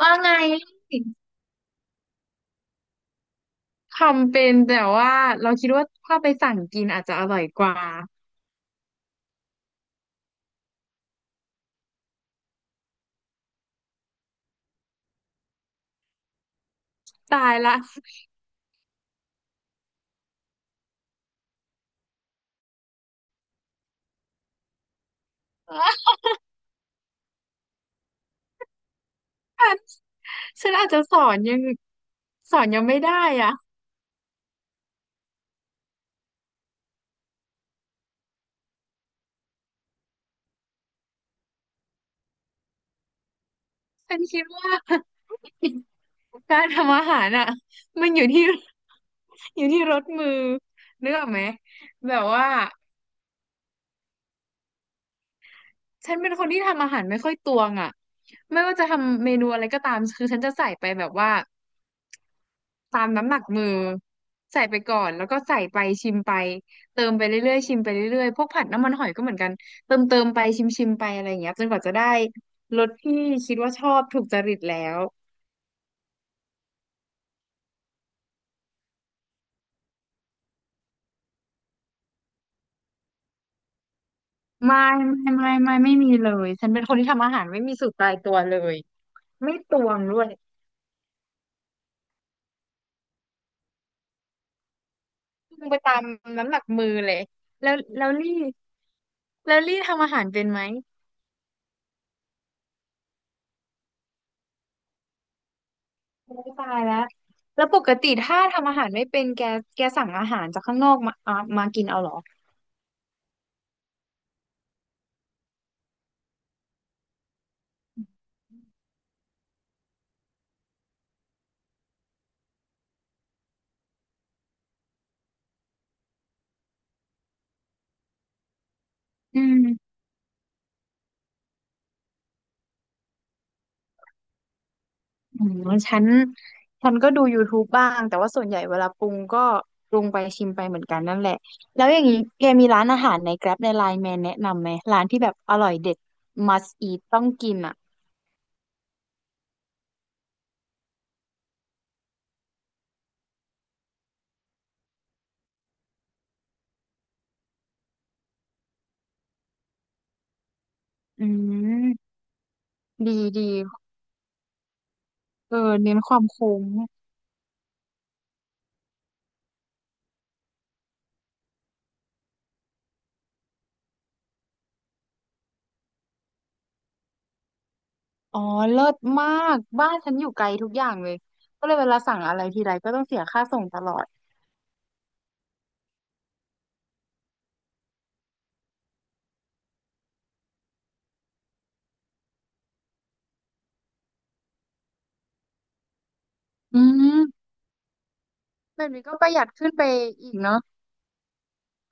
ว่าไงทำเป็นแต่ว่าเราคิดว่าถ้าไปสั่งกินอาจจะอร่อยกว่า ตายละ ฉันฉันอาจจะสอนยังไม่ได้อ่ะฉันคิดว่า การทำอาหารอ่ะมันอยู่ที่ อยู่ที่รสมือนึกออกไหมแบบว่าฉันเป็นคนที่ทำอาหารไม่ค่อยตวงอ่ะไม่ว่าจะทำเมนูอะไรก็ตามคือฉันจะใส่ไปแบบว่า ตามน้ำหนักมือใส่ไปก่อนแล้วก็ใส่ไปชิมไปเติมไปเรื่อยๆชิมไปเรื่อยๆพวกผัดน้ำมันหอยก็เหมือนกันเติมเติมไปชิมชิมไปอะไรอย่างเงี้ยจนกว่าจะได้รสที่คิดว่าชอบถูกจริตแล้วไม่ไม่มีเลยฉันเป็นคนที่ทำอาหารไม่มีสูตรตายตัวเลยไม่ตวงด้วยปรุงไปตามน้ำหนักมือเลยแล้วแล้วลี่แล้วลี่ทำอาหารเป็นไหมโอ้ยตายแล้วแล้วปกติถ้าทำอาหารไม่เป็นแกแกสั่งอาหารจากข้างนอกมาอ่ะมากินเอาเหรอ อืมอืมฉันฉันก็ดู YouTube บ้างแต่ว่าส่วนใหญ่เวลาปรุงก็ปรุงไปชิมไปเหมือนกันนั่นแหละแล้วอย่างนี้แกมีร้านอาหารใน Grab ใน Line Man แนะนำไหมร้านที่แบบอร่อยเด็ด must eat ต้องกินอ่ะอืมดีดีเออเน้นความคุ้มอ๋อเลิศมากบ้านฉันอยู่ไกลทุกอย่างเลยก็เลยเวลาสั่งอะไรทีไรก็ต้องเสียค่าส่งตลอดอืมแบบนี้ก็ประหยัดขึ้นไปอีกเนาะ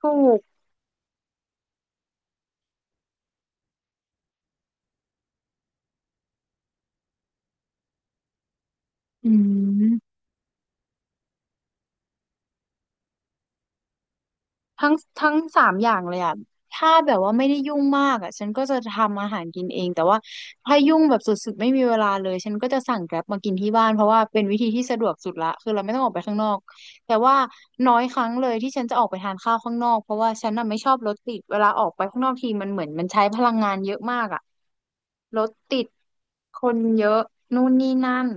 ถูกอืม ทั้งทั้งสามอย่างเลยอ่ะถ้าแบบว่าไม่ได้ยุ่งมากอ่ะฉันก็จะทำอาหารกินเอง แต่ว่าถ้ายุ่งแบบสุดๆไม่มีเวลาเลย ฉันก็จะสั่งแกร็บมากินที่บ้าน เพราะว่าเป็นวิธีที่สะดวกสุดละคือเราไม่ต้องออกไปข้างนอกแต่ว่าน้อยครั้งเลยที่ฉันจะออกไปทานข้าวข้างนอก เพราะว่าฉันน่ะไม่ชอบรถติดเวลาออกไปข้างนอกทีมันเหมือนมันใช้พลังงานเยอะมากอ่ะรถติดคนเยอะนู่นนี่นั่น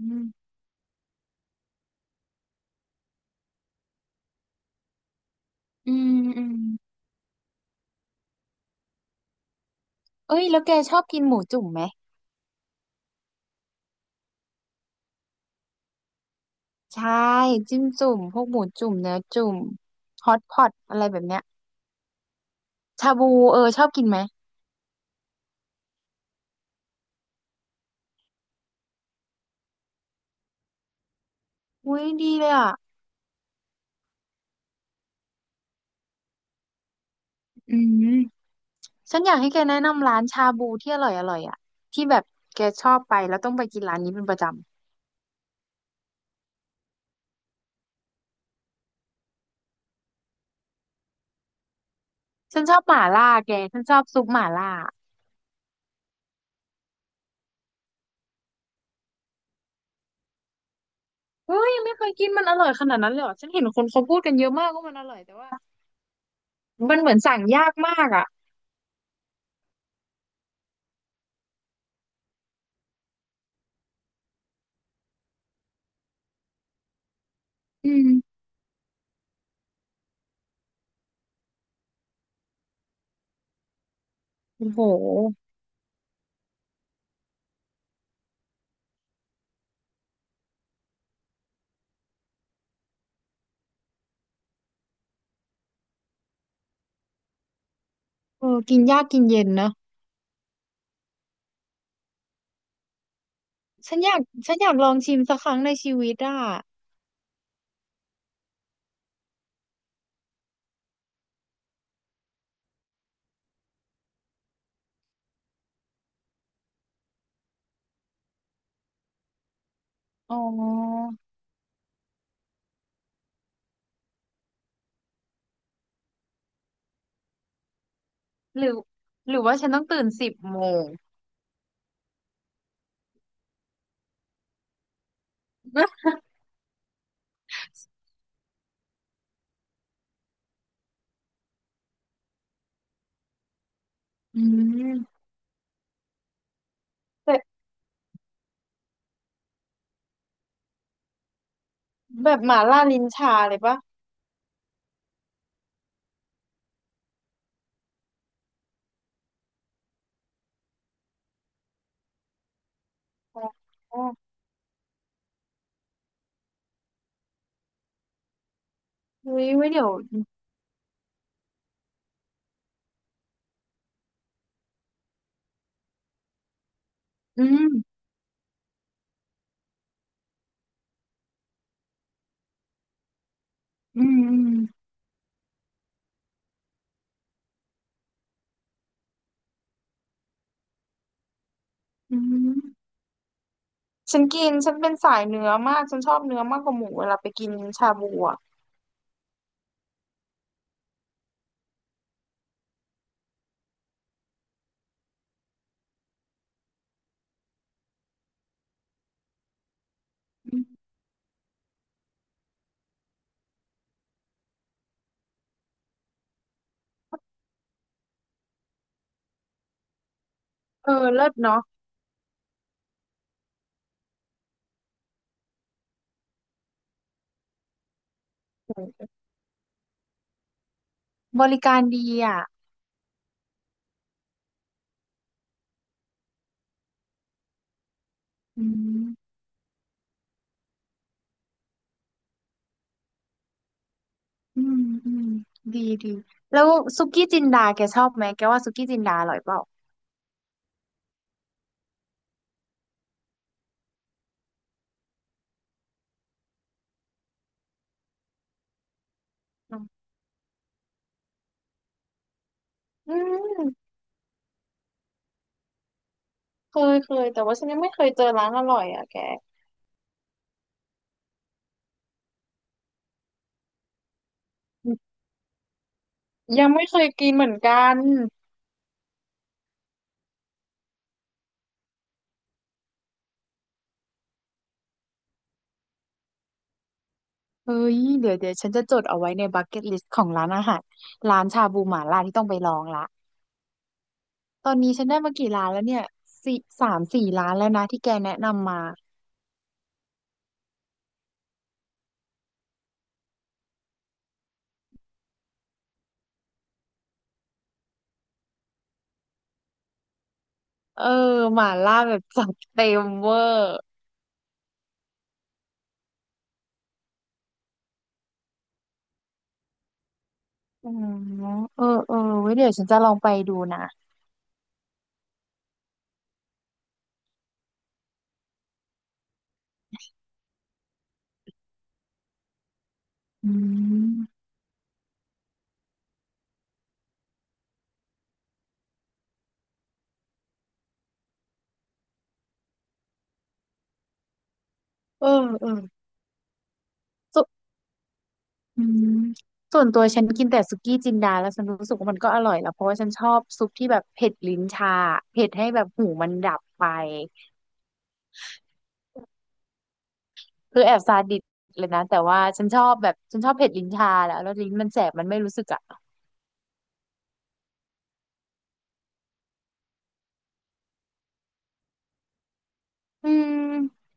อืมอืมอืมเอ้ยแล้วแกชอบกินหมูจุ่มไหม ใช่จิ้มจุ่มพวกหมูจุ่มเนื้อจุ่มฮอตพอตอะไรแบบเนี้ยชาบูเออชอบกินไหมอุ้ยดีเลยอ่ะอืมฉันอยากให้แกแนะนำร้านชาบูที่อร่อยอร่อยอ่ะที่แบบแกชอบไปแล้วต้องไปกินร้านนี้เป็นประจำฉันชอบหม่าล่าแกฉันชอบซุปหม่าล่าเฮ้ยยังไม่เคยกินมันอร่อยขนาดนั้นเลยเหรอฉันเห็นคนเขาพูดกันเยอะมากว่ามันอร่อยแต่ว่ามันเหมือนสั่งยากมากอ่ะอืมโอ้โหเออกินยากกินเย็นเนอะฉันอยากฉันอยากลองชิมสักครั้งในชีวิตอ่ะ อ๋อหรือหรือว่าฉันต้องตื่นสิบโมง อืมแบบแบบหมาล่าลิ้นชาเลยปะอ๋ออ๋อเฮ้ยไว้เดี๋ยวอืมอืมอืมอืมฉันกินฉันเป็นสายเนื้อมากฉันชอบเนื้อมากกว่าหมูเวลาไปกินชาบูอ่ะอืมเออเลิศเนาะอบริการดีอ่ะอืมอืมอืมดีดีแล้วซุกี้จินดาแกชอบไหมแกว่าซุกี้จินดาอร่อยเปล่าอืม เคยเคยแต่ว่าฉันยังไม่เคยเจอร้านอร่อยอ่ะแกยังไม่เคยกินเหมือนกันเฮ้ยเดี๋ยวฉันจะจดเอาไว้ในบักเก็ตลิสต์ของร้านอาหารร้านชาบูหม่าล่าที่ต้องไปลองละตอนนี้ฉันได้มากี่ร้านแล้วเนี่ยสามสี่ร้านแล้วนะที่แกแนะนำมาเออหม่าล่าแบบจัดเต็มเวอร์อืมเออเออไว้เดี๋ยวฉันจะลองไปดูนะอืมเออเออ อืมส่วนตัวฉันกินแต่สุกี้จินดาแล้วฉันรู้สึกว่ามันก็อร่อยแล้วเพราะว่าฉันชอบซุปที่แบบเผ็ดลิ้นชาเผ็ดให้แบบหูมันดับไปคือแอบซาดิสเลยนะแต่ว่าฉันชอบเผ็ดลิ้นชาแหละแล้วลิ้นมันแสบมันไม่รู้สึกอ่ะอืม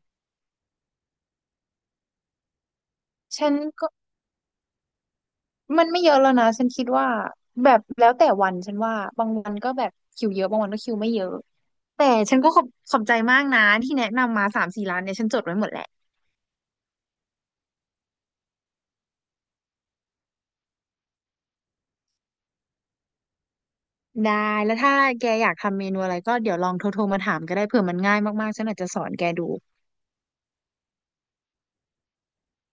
ฉันก็มันไม่เยอะแล้วนะฉันคิดว่าแบบแล้วแต่วันฉันว่าบางวันก็แบบคิวเยอะบางวันก็คิวไม่เยอะแต่ฉันก็ขอบใจมากนะที่แนะนำมาสามสี่ร้านเนี่ยฉันจดไว้หมดแล้ว ได้แล้วถ้าแกอยากทำเมนูอะไรก็เดี๋ยวลองโทรมาถามก็ได้เผื่อมันง่ายมากๆฉันอาจจะสอนแกดู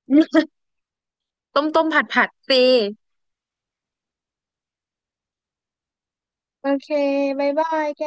ต้มต้มผัดผัดสิโอเคบ๊ายบายแก